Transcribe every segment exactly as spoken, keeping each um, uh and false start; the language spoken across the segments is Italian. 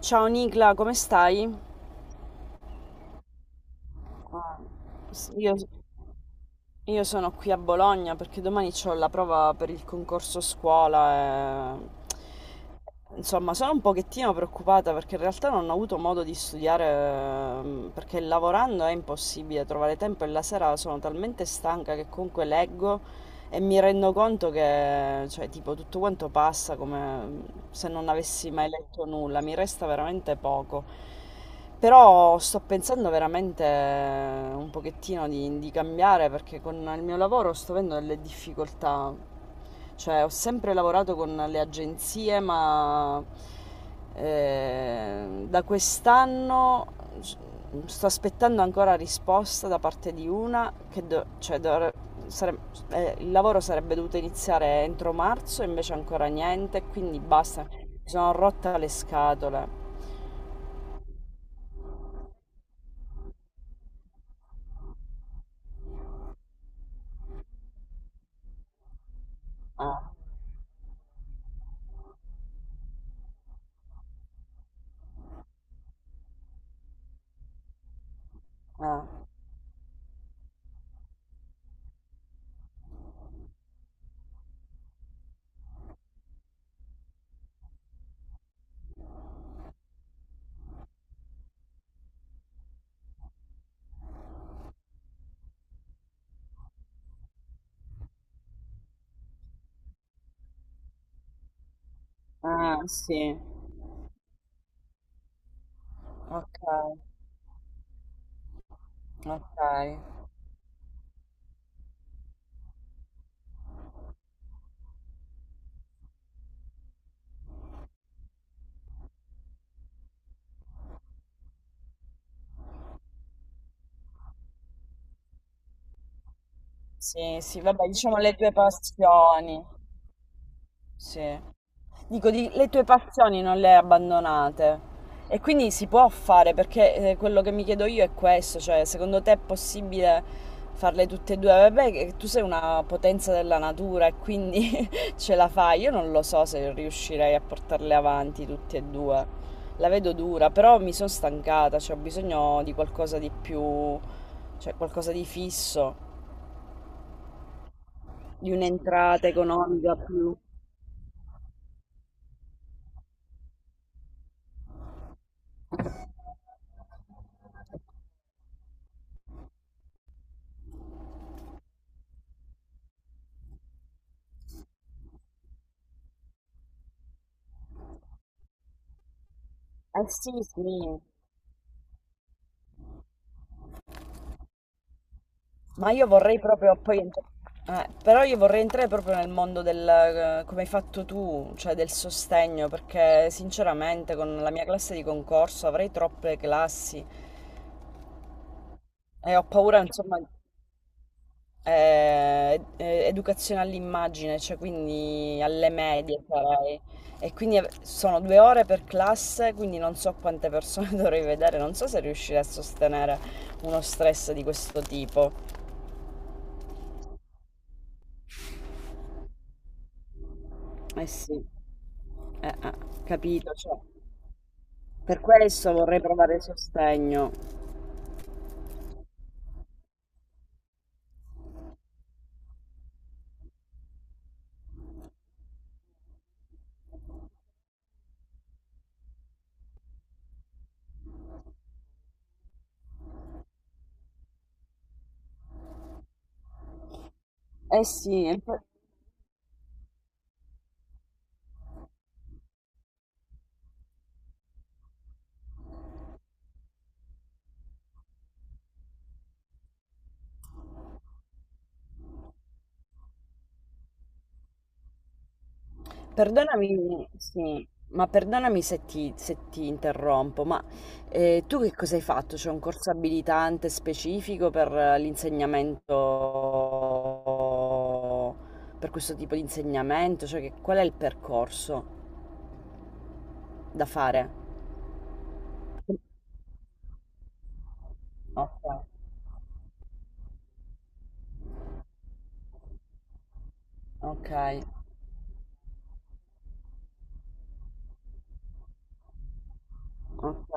Ciao Nicla, come stai? Ah, s- Io, io sono qui a Bologna perché domani ho la prova per il concorso scuola e... Insomma, sono un pochettino preoccupata perché in realtà non ho avuto modo di studiare, ehm, perché lavorando è impossibile trovare tempo e la sera sono talmente stanca che comunque leggo e mi rendo conto che, cioè, tipo, tutto quanto passa come mm, se non avessi mai letto nulla, mi resta veramente poco. Però sto pensando veramente un pochettino di, di cambiare perché con il mio lavoro sto avendo delle difficoltà. Cioè, ho sempre lavorato con le agenzie, ma eh, da quest'anno s- sto aspettando ancora risposta da parte di una che do- cioè dovre- sare- eh, il lavoro sarebbe dovuto iniziare entro marzo, invece ancora niente, quindi basta. Mi sono rotta le scatole. Ah, ah, ah, sì. Ok, ok. Sì, sì, vabbè, diciamo le due passioni. Sì. Dico, di- le tue passioni non le hai abbandonate e quindi si può fare perché eh, quello che mi chiedo io è questo, cioè secondo te è possibile farle tutte e due? Vabbè, che tu sei una potenza della natura e quindi ce la fai. Io non lo so se riuscirei a portarle avanti tutte e due. La vedo dura, però mi sono stancata, cioè ho bisogno di qualcosa di più, cioè qualcosa di fisso, di un'entrata economica più. Eh sì, sì, ma io vorrei proprio poi entrare. Però io vorrei entrare proprio nel mondo del, eh, come hai fatto tu, cioè del sostegno, perché sinceramente con la mia classe di concorso avrei troppe classi e ho paura, insomma, eh, eh, educazione all'immagine, cioè quindi alle medie sarei. E quindi av- sono due ore per classe, quindi non so quante persone dovrei vedere, non so se riuscirei a sostenere uno stress di questo tipo. Eh sì. Eh, eh, capito, cioè per questo vorrei provare sostegno. Eh sì, e per- perdonami, sì, ma perdonami se ti, se ti interrompo, ma eh, tu che cosa hai fatto? C'è un corso abilitante specifico per, eh, l'insegnamento, per questo tipo di insegnamento? Cioè che- qual è il percorso da fare? Ok, ok, ok.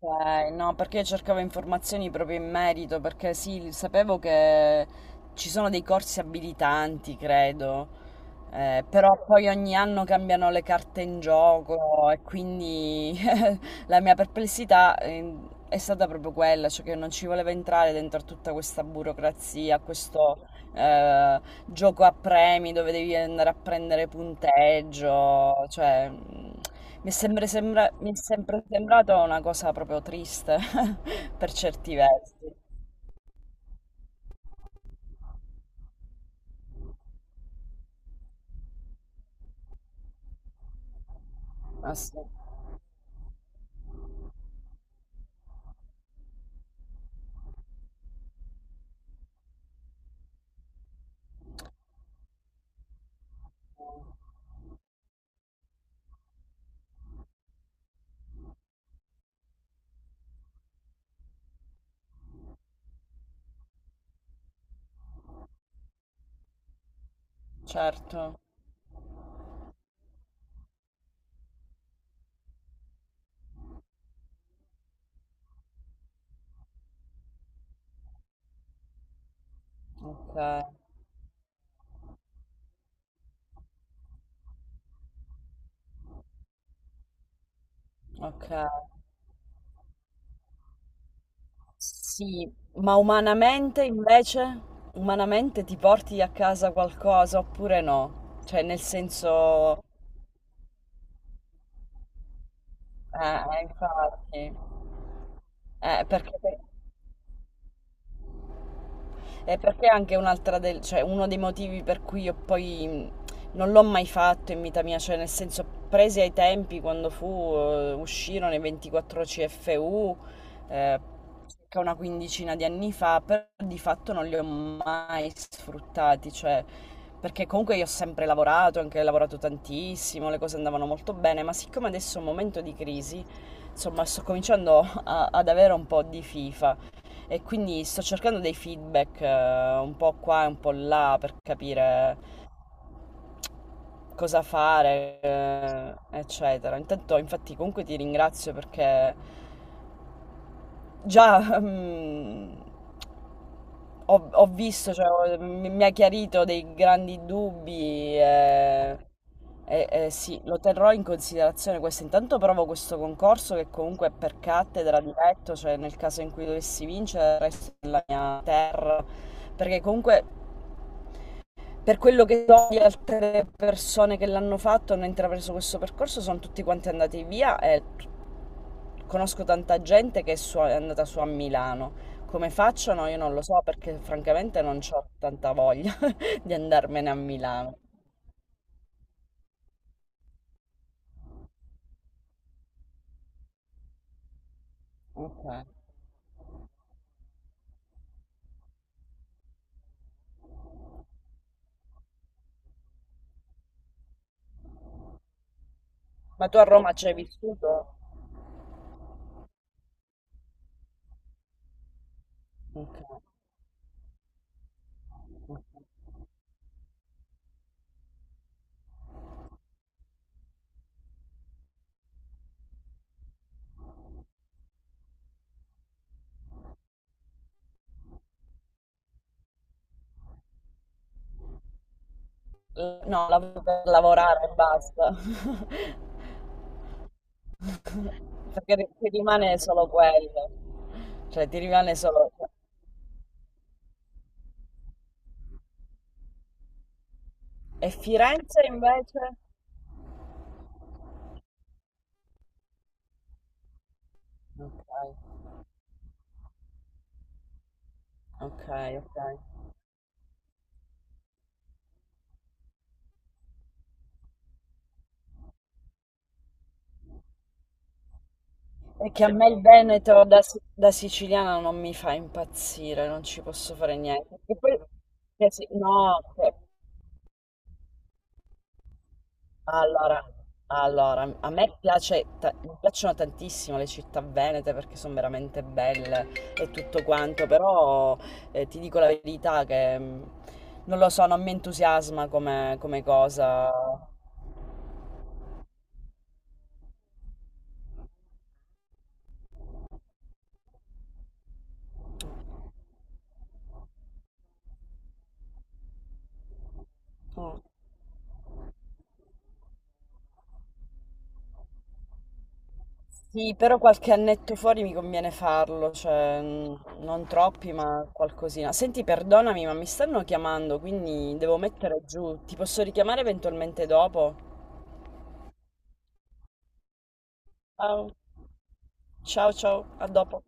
Ok, no, perché io cercavo informazioni proprio in merito, perché sì, sapevo che ci sono dei corsi abilitanti, credo, eh, però poi ogni anno cambiano le carte in gioco e quindi la mia perplessità, eh, è stata proprio quella, cioè che non ci voleva entrare dentro a tutta questa burocrazia, a questo eh, gioco a premi dove devi andare a prendere punteggio, cioè mm, mi è sempre, sembra- mi è sempre sembrato una cosa proprio triste per certi versi. Ah sì, certo, ok, ok. Sì, ma umanamente invece, umanamente ti porti a casa qualcosa oppure no? Cioè, nel senso, eh, eh, infatti, eh, perché E perché anche un'altra del, cioè uno dei motivi per cui io poi mh, non l'ho mai fatto in vita mia, cioè nel senso presi ai tempi quando fu, eh, uscirono i ventiquattro C F U, eh, circa una quindicina di anni fa, però di fatto non li ho mai sfruttati, cioè perché comunque io ho sempre lavorato, anche lavorato tantissimo, le cose andavano molto bene, ma siccome adesso è un momento di crisi, insomma sto cominciando a- ad avere un po' di fifa e quindi sto cercando dei feedback, eh, un po' qua e un po' là per capire cosa fare, eh, eccetera. Intanto, infatti, comunque ti ringrazio perché già mm, ho, ho visto, cioè, ho- mi, mi ha chiarito dei grandi dubbi. eh, e- e sì, lo terrò in considerazione questo. Intanto provo questo concorso che comunque è per cattedra diretto, cioè nel caso in cui dovessi vincere resto nella mia terra, perché comunque per quello che so di altre persone che l'hanno fatto, hanno intrapreso questo percorso, sono tutti quanti andati via e conosco tanta gente che è, su- è andata su a Milano. Come facciano? Io non lo so perché francamente non ho tanta voglia di andarmene a Milano. Ok. Ma tu a Roma ci hai vissuto? Ok. Eh, no, lavoro per lavorare e basta. Perché ti rimane solo quello. Cioè, ti rimane solo... cioè, E Firenze invece? Okay, okay, okay. È che a me il Però Veneto da, si- da siciliana non mi fa impazzire, non ci posso fare niente. E poi, che si- no, che- allora, allora, a me piace, ta- mi piacciono tantissimo le città venete perché sono veramente belle e tutto quanto, però eh, ti dico la verità che mm, non lo so, non mi entusiasma come, come cosa. Sì, però qualche annetto fuori mi conviene farlo, cioè mh, non troppi, ma qualcosina. Senti, perdonami, ma mi stanno chiamando, quindi devo mettere giù. Ti posso richiamare eventualmente dopo? Ciao, ciao, ciao, a dopo.